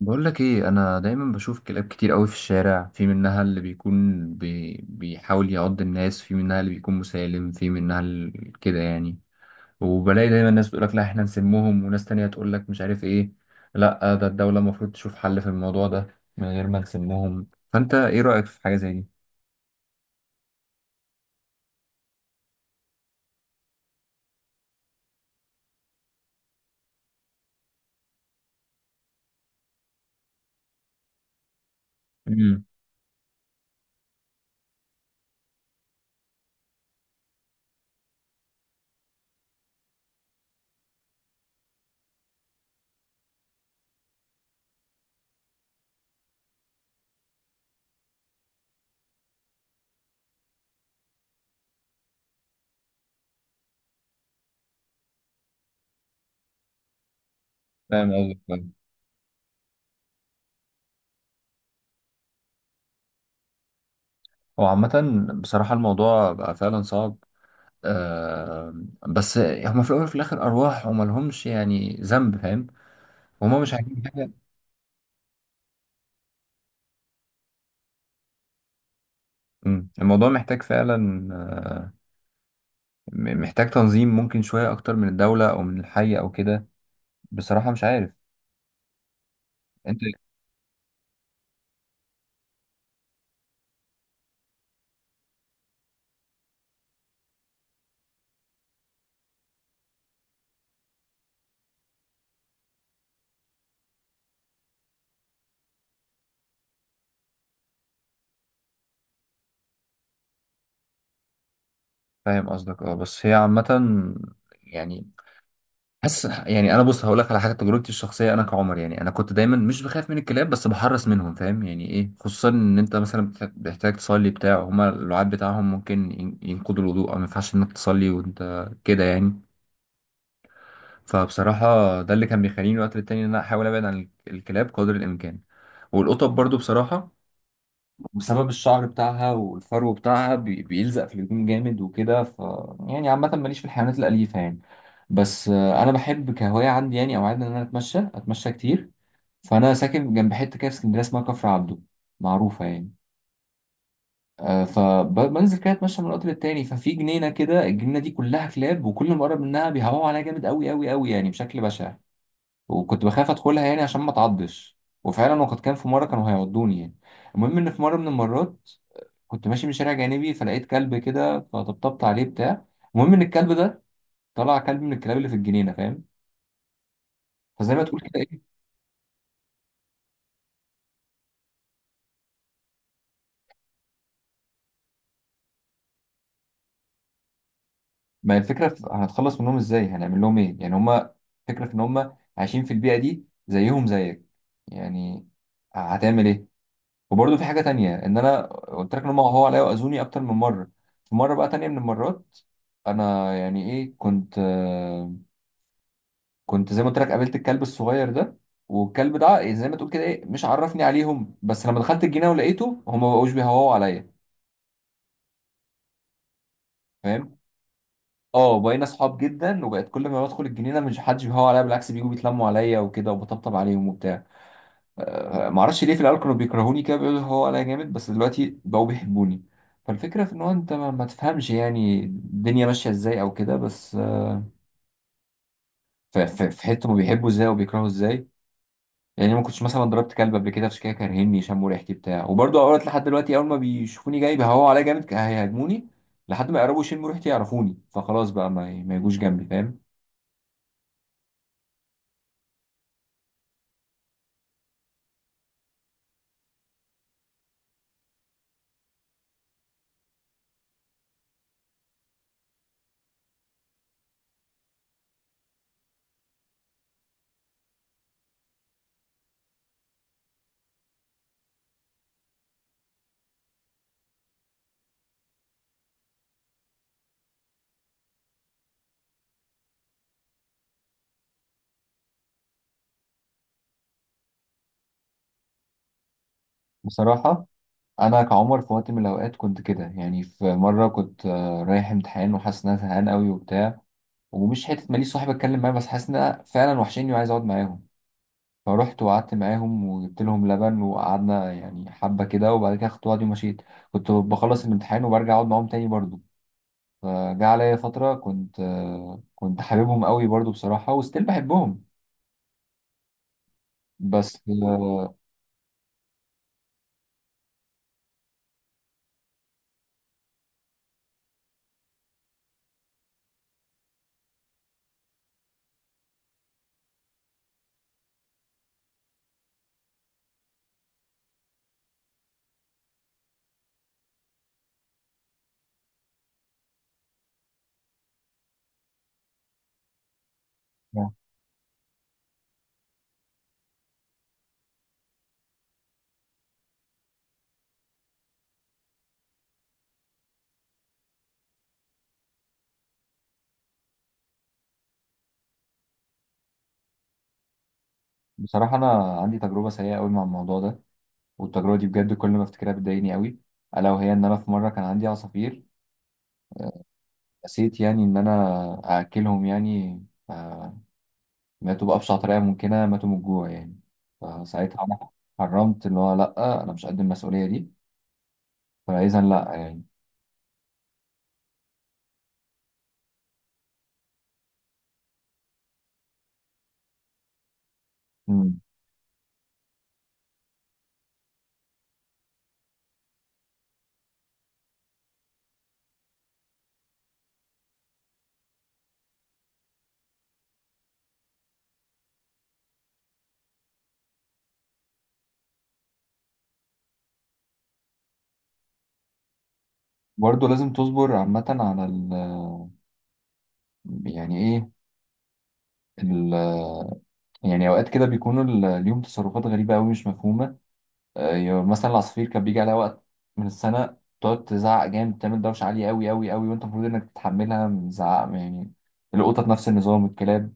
بقول لك ايه؟ انا دايما بشوف كلاب كتير قوي في الشارع، في منها اللي بيكون بيحاول يعض الناس، في منها اللي بيكون مسالم، في منها كده يعني. وبلاقي دايما ناس تقول لك لا احنا نسمهم، وناس تانية تقول لك مش عارف ايه. لا، ده الدولة المفروض تشوف حل في الموضوع ده من غير ما نسمهم. فانت ايه رأيك في حاجة زي دي؟ امم. فاهم قصدك، فاهم. هو عامة بصراحة الموضوع بقى فعلا صعب. آه. بس هما في الأول وفي الآخر أرواح، وملهمش يعني ذنب، فاهم. هما مش عايزين حاجة. مم. الموضوع محتاج فعلا محتاج تنظيم، ممكن شوية أكتر من الدولة أو من الحي أو كده. بصراحة مش عارف. أنت. فاهم قصدك، أه. بس هي عامة يعني، حاسس يعني. أنا بص هقول لك على حاجة، تجربتي الشخصية. أنا كعمر يعني، أنا كنت دايما مش بخاف من الكلاب بس بحرص منهم، فاهم يعني إيه؟ خصوصا إن أنت مثلا بتحتاج تصلي بتاع، هما اللعاب بتاعهم ممكن ينقضوا الوضوء، أو ما ينفعش إنك تصلي وأنت كده يعني. فبصراحة ده اللي كان بيخليني وقت للتاني إن أنا أحاول أبعد عن الكلاب قدر الإمكان. والقطط برضو بصراحة، بسبب الشعر بتاعها والفرو بتاعها بيلزق في الهدوم جامد وكده. يعني عامة ماليش في الحيوانات الأليفة يعني. بس أنا بحب كهواية عندي يعني، أو عادة، إن أنا أتمشى، أتمشى كتير. فأنا ساكن جنب حتة كده في اسكندرية اسمها كفر عبده، معروفة يعني. فبنزل كده اتمشى من الوقت للتاني. ففي جنينه كده، الجنينه دي كلها كلاب، وكل ما اقرب منها بيهوهوا عليها جامد قوي قوي قوي يعني بشكل بشع. وكنت بخاف ادخلها يعني عشان ما اتعضش. وفعلا وقد كان، في مره كانوا هيعضوني يعني. المهم ان في مره من المرات كنت ماشي من شارع جانبي، فلقيت كلب كده فطبطبت عليه بتاع. المهم ان الكلب ده طلع كلب من الكلاب اللي في الجنينه، فاهم. فزي ما تقول كده ايه. ما هي الفكره في هنتخلص منهم ازاي؟ هنعمل لهم ايه يعني؟ هما الفكره في ان هما عايشين في البيئه دي، زيهم زيك يعني. هتعمل ايه؟ وبرضه في حاجه تانية، ان انا قلت لك ان هم هو عليا واذوني اكتر من مره. في مره بقى تانية من المرات، انا يعني ايه، كنت كنت زي ما قلت لك قابلت الكلب الصغير ده. والكلب ده إيه زي ما تقول كده ايه، مش عرفني عليهم، بس لما دخلت الجنينه ولقيته، هم ما بقوش بيهوهوا عليا، فاهم. اه، بقينا اصحاب جدا، وبقت كل ما بدخل الجنينه مش حدش بيهوه عليا، بالعكس بيجوا بيتلموا عليا وكده، وبطبطب عليهم وبتاع. ما اعرفش ليه في الاول كانوا بيكرهوني كده بيقولوا هو انا جامد، بس دلوقتي بقوا بيحبوني. فالفكره في ان هو انت ما تفهمش يعني الدنيا ماشيه ازاي او كده. بس في حته ما بيحبوا ازاي وبيكرهوا ازاي. يعني ما كنتش مثلا ضربت كلب قبل كده عشان كده كارهني، شموا ريحتي بتاع. وبرضه اوقات لحد دلوقتي اول ما بيشوفوني جاي بيهوا عليا جامد، هيهاجموني لحد ما يقربوا يشموا ريحتي يعرفوني، فخلاص بقى ما يجوش جنبي، فاهم. بصراحه انا كعمر في وقت من الاوقات كنت كده يعني. في مره كنت رايح امتحان وحاسس ان انا زهقان قوي وبتاع، ومش حته ماليش صاحب اتكلم معاه، بس حاسس ان أنا فعلا وحشيني وعايز اقعد معاهم. فروحت وقعدت معاهم وجبت لهم لبن، وقعدنا يعني حبه كده، وبعد كده خدت وعدي ومشيت. كنت بخلص الامتحان وبرجع اقعد معاهم تاني برضو. فجاء عليا فتره كنت كنت حاببهم قوي برضو بصراحه، وستيل بحبهم. بس بصراحه انا عندي تجربه سيئه قوي مع الموضوع ده، والتجربه دي بجد كل ما افتكرها بتضايقني قوي. الا وهي ان انا في مره كان عندي عصافير، نسيت يعني ان انا اكلهم يعني. آه، ماتوا بقى بأبشع طريقة ممكنة، ماتوا من الجوع يعني. فساعتها أنا حرمت، اللي هو لأ أنا مش قد المسؤولية دي. فإذا لأ يعني. مم. برضه لازم تصبر عامة على ال، يعني إيه، ال، يعني أوقات كده بيكونوا ليهم تصرفات غريبة أوي مش مفهومة. يعني مثلا العصافير كان بيجي عليها وقت من السنة تقعد تزعق جامد، تعمل دوشة عالية أوي أوي أوي، وأنت المفروض إنك تتحملها من زعق يعني. القطط نفس النظام، الكلاب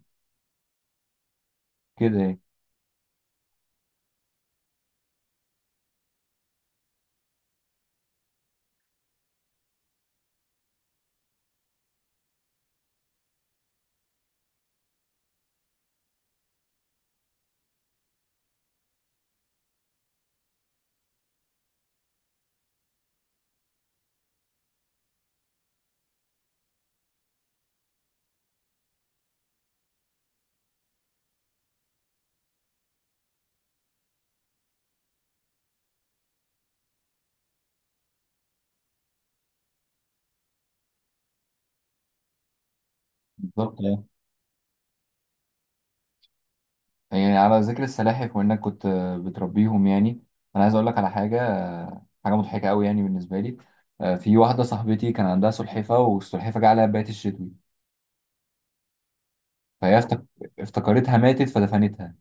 كده يعني. بالظبط آه. يعني على ذكر السلاحف وانك كنت بتربيهم يعني، انا عايز اقول لك على حاجه، حاجه مضحكه قوي يعني بالنسبه لي. في واحده صاحبتي كان عندها سلحفه، والسلحفه جه عليها بيات الشتوي. فهي افتكرتها ماتت فدفنتها،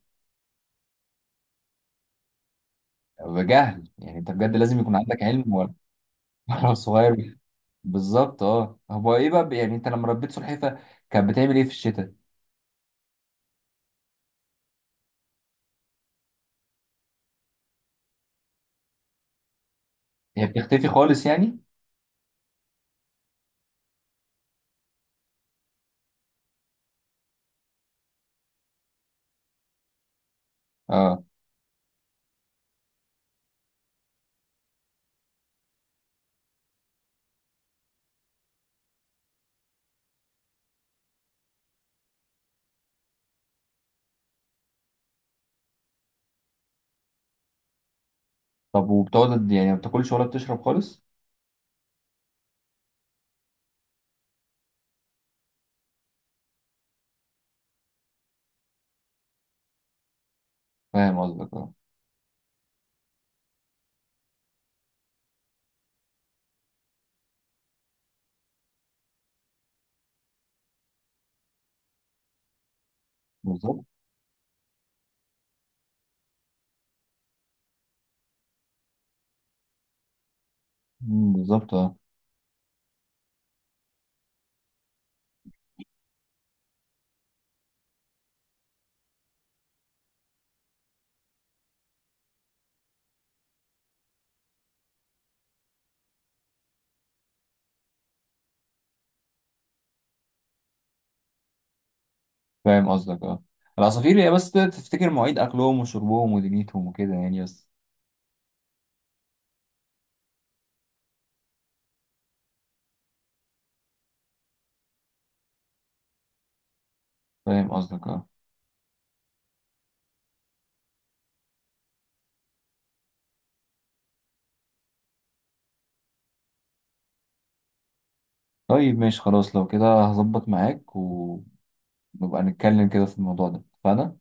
بجهل يعني. انت بجد لازم يكون عندك علم، ولا ولا صغير. بالظبط اه. هو ايه بقى يعني انت لما ربيت سلحفه كانت بتعمل ايه في الشتاء؟ هي بتختفي خالص يعني. اه، طب وبتقعد يعني ما بتاكلش ولا بتشرب خالص؟ فاهم قصدك اه. بالظبط. مم، بالظبط اه. فاهم قصدك اه. العصافير هي بس تفتكر مواعيد اكلهم وشربهم ودنيتهم وكده يعني بس. فاهم قصدك اه. طيب ماشي خلاص، لو كده هظبط معاك ونبقى نتكلم كده في الموضوع ده، اتفقنا.